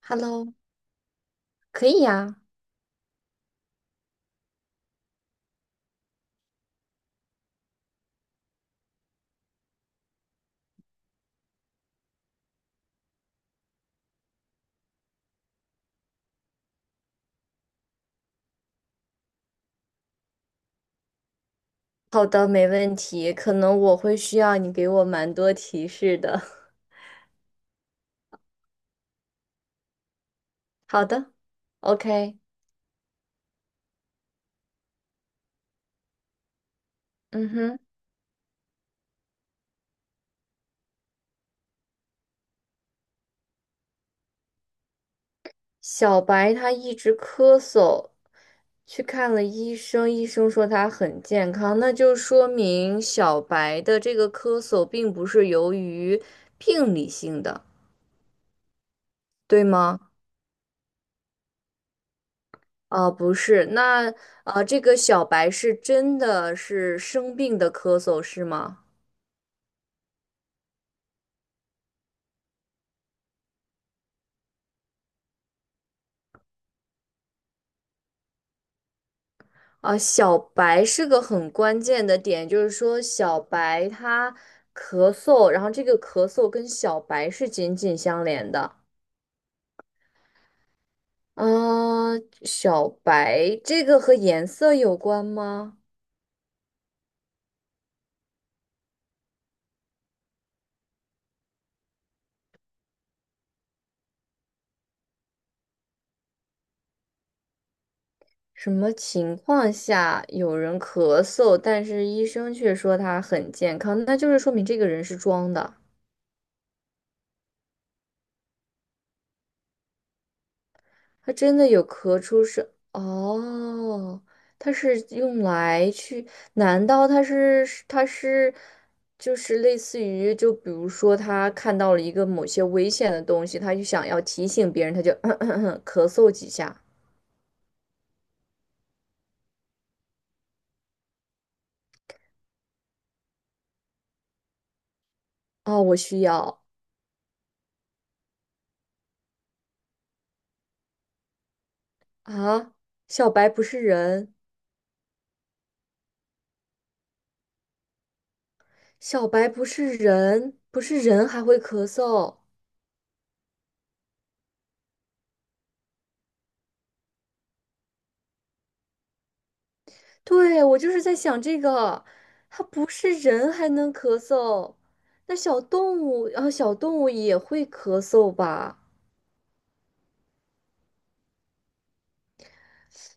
Hello,可以呀。好的，没问题。可能我会需要你给我蛮多提示的。好的，OK。嗯哼，小白他一直咳嗽，去看了医生，医生说他很健康，那就说明小白的这个咳嗽并不是由于病理性的，对吗？不是，那这个小白是真的是生病的咳嗽，是吗？啊，小白是个很关键的点，就是说小白他咳嗽，然后这个咳嗽跟小白是紧紧相连的。啊，小白这个和颜色有关吗？什么情况下有人咳嗽，但是医生却说他很健康，那就是说明这个人是装的。它真的有咳出声哦，它是用来去？难道它是就是类似于就比如说他看到了一个某些危险的东西，他就想要提醒别人，他就 咳嗽几下。哦，我需要啊！小白不是人，小白不是人，不是人还会咳嗽。对，我就是在想这个，它不是人还能咳嗽，那小动物，然后小动物也会咳嗽吧？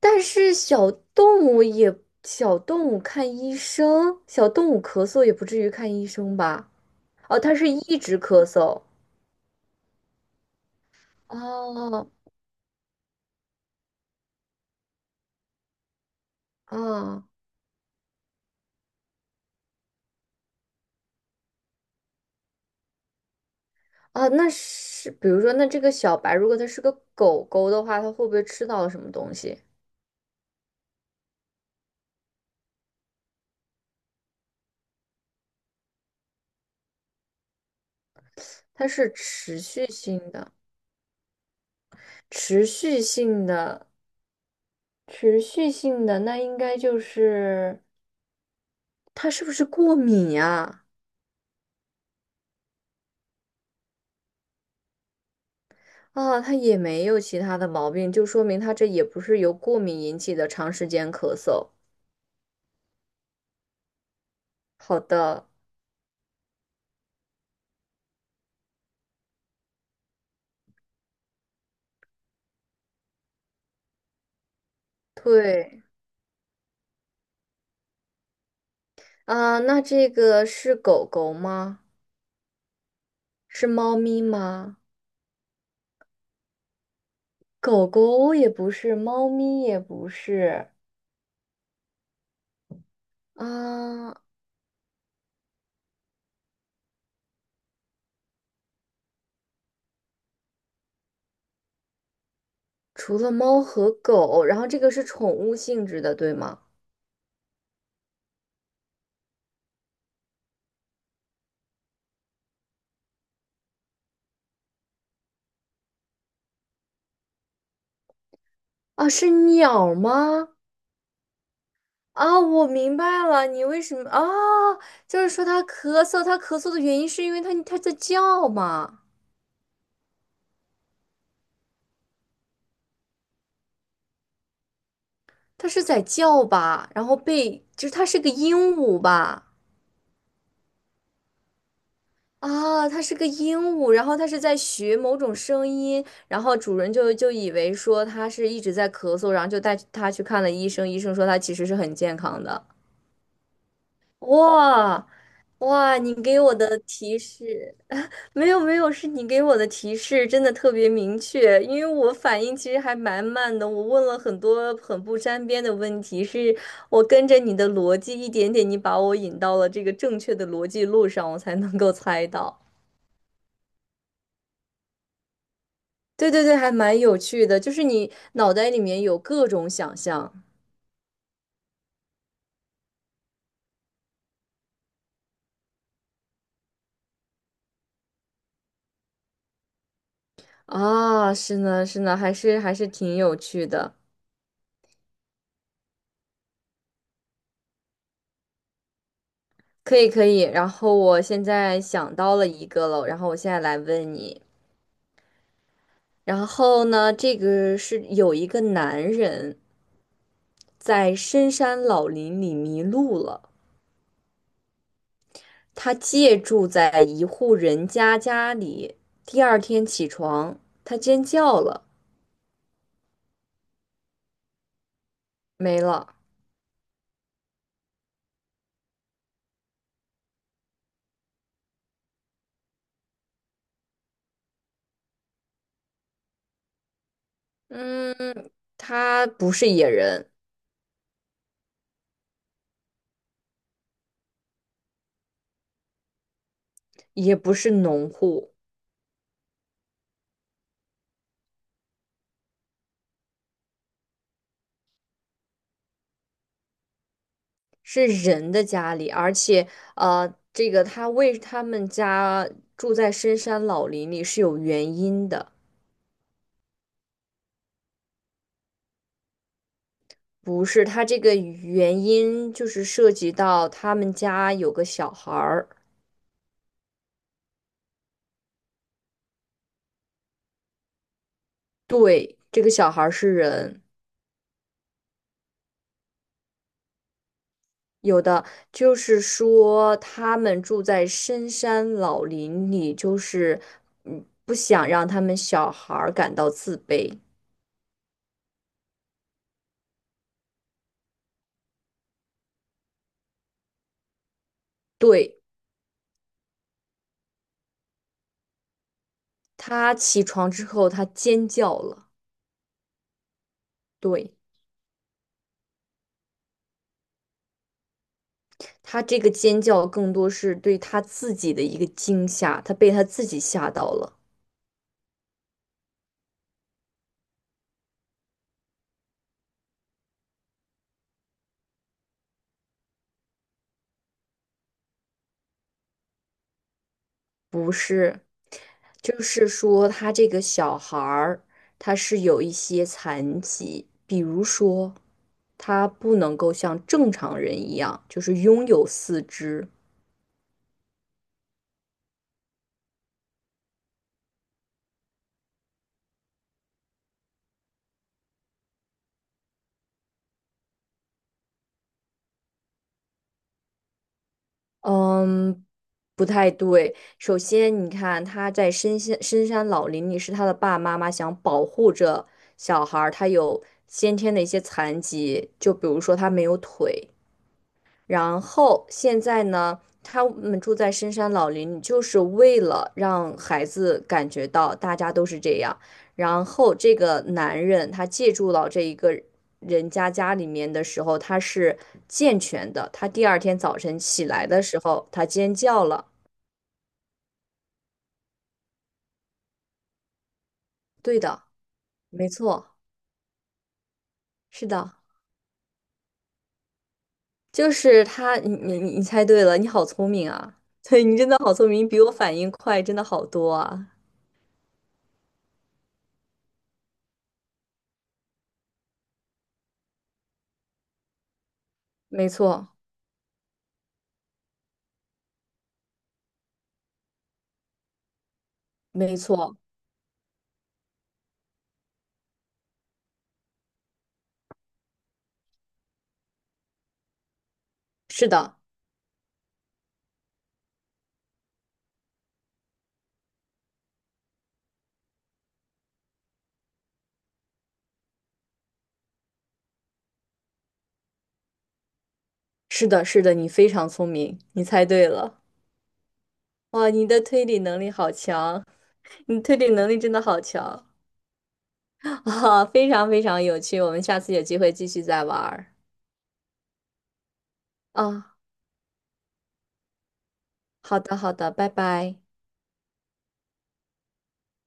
但是小动物也，小动物看医生，小动物咳嗽也不至于看医生吧？哦，它是一直咳嗽。哦，啊，啊，那是，比如说，那这个小白，如果它是个狗狗的话，它会不会吃到了什么东西？它是持续性的，持续性的。持续性的那应该就是它是不是过敏呀？啊，它也没有其他的毛病，就说明它这也不是由过敏引起的长时间咳嗽。好的，对，啊，那这个是狗狗吗？是猫咪吗？狗狗也不是，猫咪也不是，啊，除了猫和狗，然后这个是宠物性质的，对吗？啊，是鸟吗？啊，我明白了，你为什么啊？就是说他咳嗽，他咳嗽的原因是因为他在叫嘛，他是在叫吧，然后被就是他是个鹦鹉吧？啊，他是个鹦鹉，然后他是在学某种声音，然后主人就以为说他是一直在咳嗽，然后就带他去看了医生，医生说他其实是很健康的。哇，哇，你给我的提示。没有，是你给我的提示真的特别明确，因为我反应其实还蛮慢的，我问了很多很不沾边的问题，是我跟着你的逻辑一点点，你把我引到了这个正确的逻辑路上，我才能够猜到。对对对，还蛮有趣的，就是你脑袋里面有各种想象啊，是呢是呢，还是挺有趣的，可以可以。然后我现在想到了一个了，然后我现在来问你。然后呢，这个是有一个男人在深山老林里迷路了，他借住在一户人家家里。第二天起床，他尖叫了，没了。嗯，他不是野人，也不是农户，是人的家里，而且呃，这个他为他们家住在深山老林里是有原因的。不是，他这个原因就是涉及到他们家有个小孩儿，对，这个小孩儿是人，有的就是说他们住在深山老林里，就是不想让他们小孩儿感到自卑。对，他起床之后，他尖叫了，对，他这个尖叫更多是对他自己的一个惊吓，他被他自己吓到了，不是。就是说，他这个小孩儿，他是有一些残疾，比如说，他不能够像正常人一样，就是拥有四肢。嗯，不太对。首先，你看他在深山老林里，是他的爸爸妈妈想保护着小孩儿，他有先天的一些残疾，就比如说他没有腿。然后现在呢，他们住在深山老林就是为了让孩子感觉到大家都是这样。然后这个男人他借住到这一个人家家里面的时候，他是健全的。他第二天早晨起来的时候，他尖叫了。对的，没错，是的，就是他。你猜对了，你好聪明啊！对，你真的好聪明，比我反应快，真的好多啊！没错，没错，是的。是的，是的，你非常聪明，你猜对了。哇，你的推理能力好强，你的推理能力真的好强 啊，非常非常有趣。我们下次有机会继续再玩儿啊。好的，好的，拜拜。